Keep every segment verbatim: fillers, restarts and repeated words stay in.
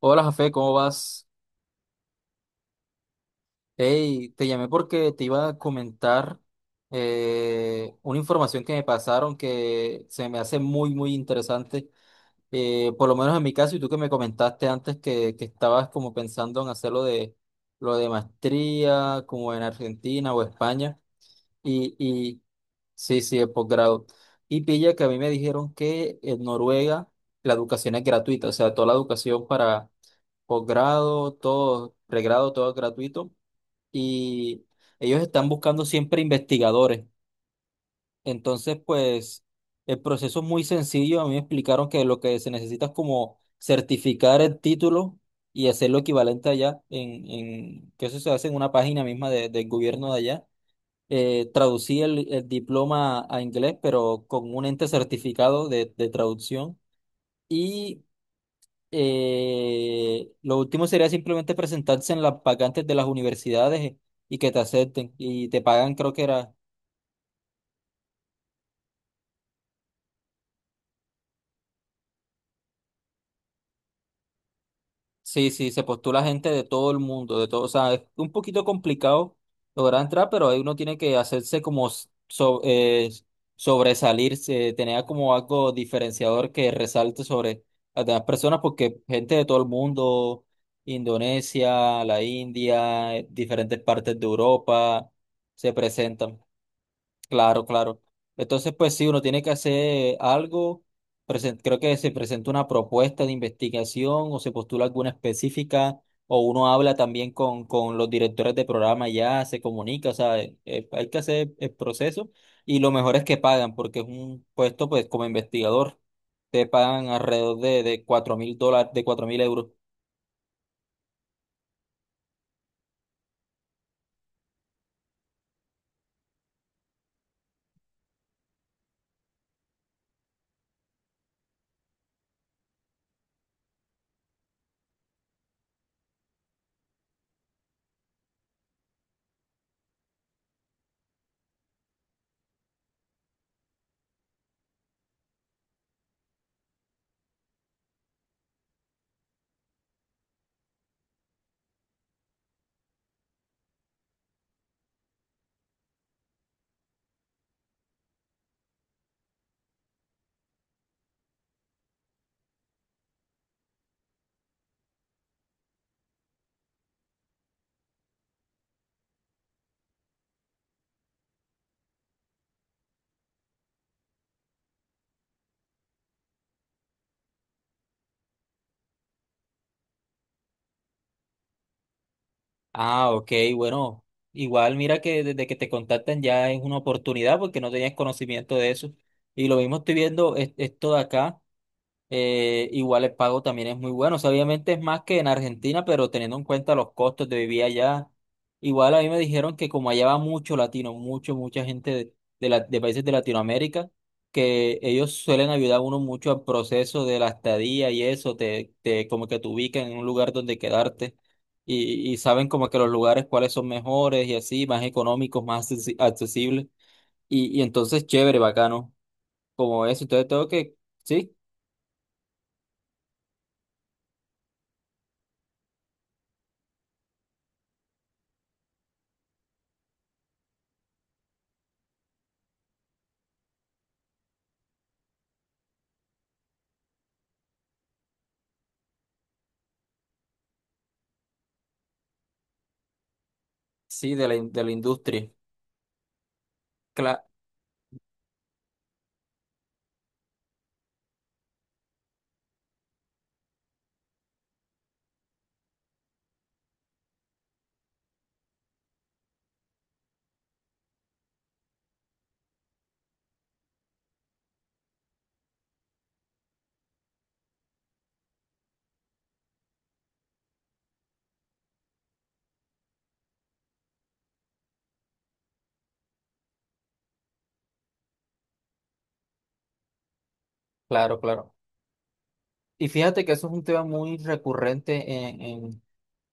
Hola, Jafé, ¿cómo vas? Hey, te llamé porque te iba a comentar eh, una información que me pasaron que se me hace muy, muy interesante, eh, por lo menos en mi caso, y tú que me comentaste antes que, que estabas como pensando en hacer lo de, lo de maestría, como en Argentina o España, y, y sí, sí, el posgrado. Y pilla que a mí me dijeron que en Noruega la educación es gratuita, o sea, toda la educación para posgrado, todo, pregrado, todo es gratuito. Y ellos están buscando siempre investigadores. Entonces, pues, el proceso es muy sencillo. A mí me explicaron que lo que se necesita es como certificar el título y hacerlo equivalente allá, en, en, que eso se hace en una página misma de- del gobierno de allá. Eh, traducí el, el diploma a inglés, pero con un ente certificado de de traducción. Y eh, lo último sería simplemente presentarse en las vacantes de las universidades y que te acepten. Y te pagan, creo que era. Sí, sí, se postula gente de todo el mundo, de todo. O sea, es un poquito complicado lograr entrar, pero ahí uno tiene que hacerse como s- so- eh, sobresalirse, tener como algo diferenciador que resalte sobre las demás personas, porque gente de todo el mundo, Indonesia, la India, eh, diferentes partes de Europa, se presentan. Claro, claro. Entonces, pues sí, uno tiene que hacer algo. Presen- creo que se presenta una propuesta de investigación o se postula alguna específica o uno habla también con, con los directores de programa ya, se comunica, o sea, eh, eh, hay que hacer el proceso y lo mejor es que pagan porque es un puesto, pues como investigador, te pagan alrededor de, de cuatro mil dólares, de cuatro mil euros. Ah, ok, bueno, igual mira que desde que te contactan ya es una oportunidad porque no tenías conocimiento de eso. Y lo mismo estoy viendo es- esto de acá eh, igual el pago también es muy bueno. O sea, obviamente es más que en Argentina, pero teniendo en cuenta los costos de vivir allá, igual a mí me dijeron que como allá va mucho latino, mucho, mucha gente de, de la- de países de Latinoamérica, que ellos suelen ayudar a uno mucho al proceso de la estadía y eso, te, te como que te ubican en un lugar donde quedarte. Y, y saben como que los lugares cuáles son mejores y así, más económicos, más accesi- accesibles. Y, y entonces chévere, bacano, como eso. Entonces tengo que, sí, Sí, de la, in- de la industria. Cla- claro, claro. Y fíjate que eso es un tema muy recurrente en, en-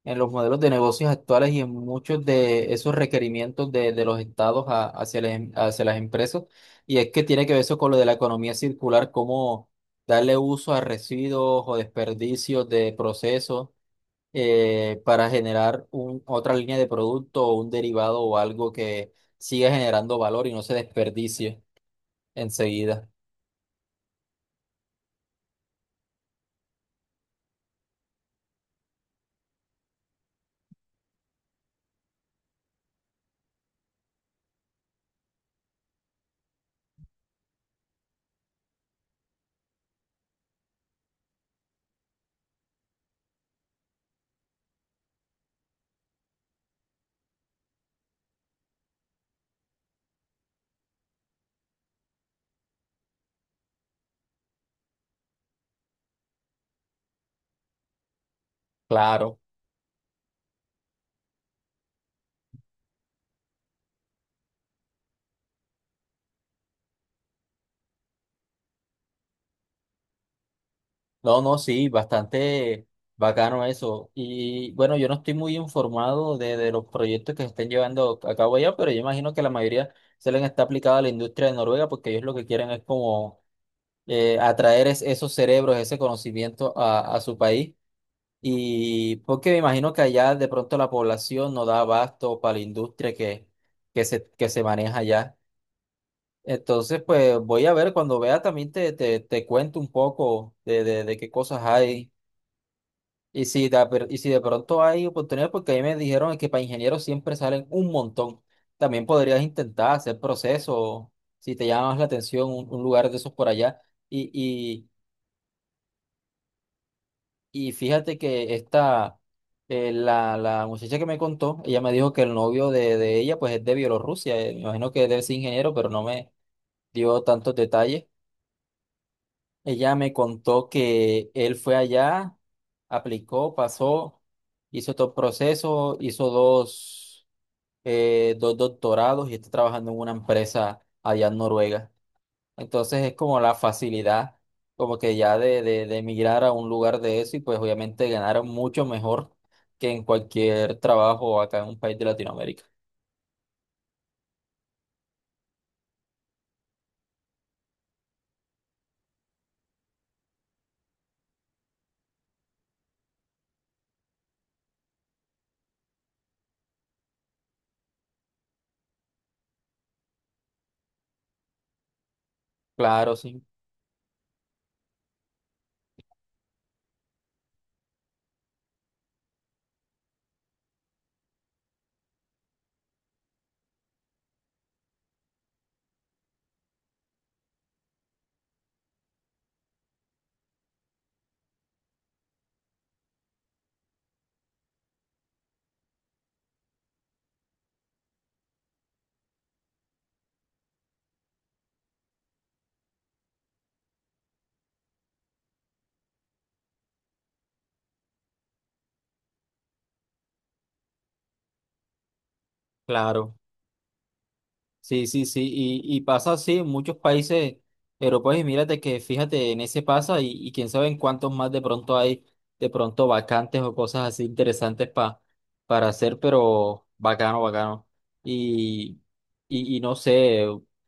en los modelos de negocios actuales y en muchos de esos requerimientos de, de los estados a- hacia las, em- hacia las empresas. Y es que tiene que ver eso con lo de la economía circular, cómo darle uso a residuos o desperdicios de procesos eh, para generar un, otra línea de producto o un derivado o algo que siga generando valor y no se desperdicie enseguida. Claro. No, no, sí, bastante bacano eso. Y bueno, yo no estoy muy informado de, de los proyectos que se estén llevando a cabo allá, pero yo imagino que la mayoría se les está aplicada a la industria de Noruega porque ellos lo que quieren es como eh, atraer es- esos cerebros, ese conocimiento a, a su país. Y porque me imagino que allá de pronto la población no da abasto para la industria que, que se, que se maneja allá. Entonces, pues voy a ver, cuando vea también te, te, te cuento un poco de, de de qué cosas hay. Y si de, per- y si de pronto hay oportunidades, porque ahí me dijeron que para ingenieros siempre salen un montón. También podrías intentar hacer procesos si te llama más la atención un, un lugar de esos por allá. Y, y, y fíjate que esta, eh, la, la muchacha que me contó, ella me dijo que el novio de, de ella pues es de Bielorrusia. eh, Me imagino que debe ser ingeniero, pero no me dio tantos detalles. Ella me contó que él fue allá, aplicó, pasó, hizo todo el proceso, hizo dos, eh, dos doctorados y está trabajando en una empresa allá en Noruega. Entonces es como la facilidad, como que ya de, de, de emigrar a un lugar de eso y pues obviamente ganar mucho mejor que en cualquier trabajo acá en un país de Latinoamérica. Claro, sí, claro. Sí, sí, sí, y, y pasa así en muchos países europeos y mírate que fíjate en ese pasa y, y quién sabe en cuántos más de pronto hay de pronto vacantes o cosas así interesantes pa- para hacer, pero bacano, bacano. Y, y, y no sé,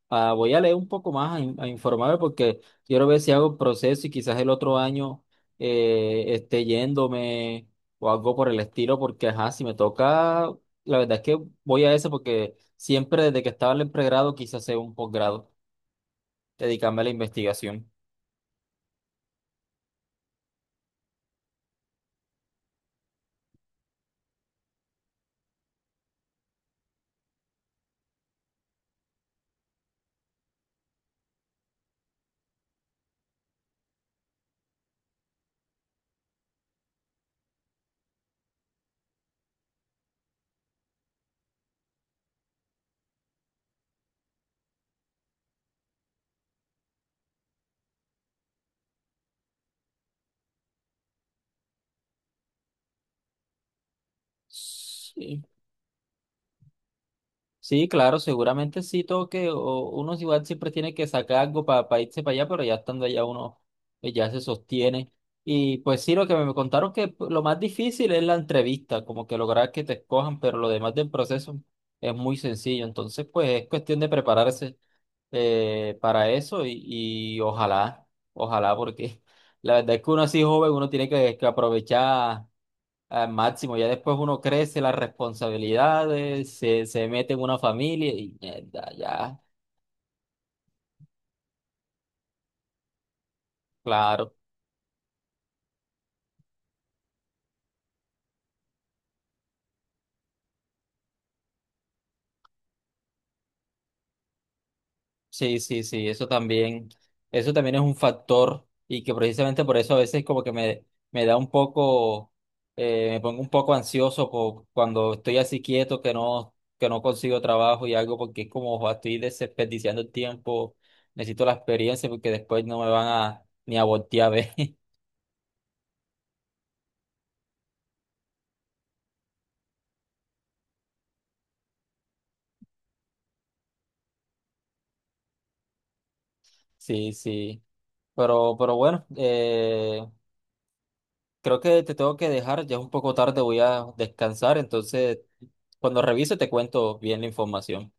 ah, voy a leer un poco más a, in- a informarme porque quiero ver si hago el proceso y quizás el otro año eh, esté yéndome o algo por el estilo porque, ajá, si me toca... La verdad es que voy a eso porque siempre desde que estaba en el pregrado quise hacer un posgrado, dedicarme a la investigación. Sí, sí, claro, seguramente sí toque, o uno igual siempre tiene que sacar algo para irse para allá, pero ya estando allá uno eh, ya se sostiene. Y pues sí, lo que me contaron que p- lo más difícil es la entrevista, como que lograr que te escojan, pero lo demás del proceso es muy sencillo, entonces pues es cuestión de prepararse. Eh, para eso y, y ojalá, ojalá, porque la verdad es que uno así joven, uno tiene que, que aprovechar al máximo, ya después uno crece las responsabilidades, se, se mete en una familia y mierda, ya, claro. Sí, sí, sí, eso también, eso también es un factor y que precisamente por eso a veces como que me, me da un poco, eh, me pongo un poco ansioso po- cuando estoy así quieto que no, que no consigo trabajo y algo porque es como, "Joa, estoy desperdiciando el tiempo, necesito la experiencia porque después no me van a ni a voltear a ver. Sí, sí. Pero, pero bueno, eh, creo que te tengo que dejar, ya es un poco tarde, voy a descansar, entonces cuando revise te cuento bien la información.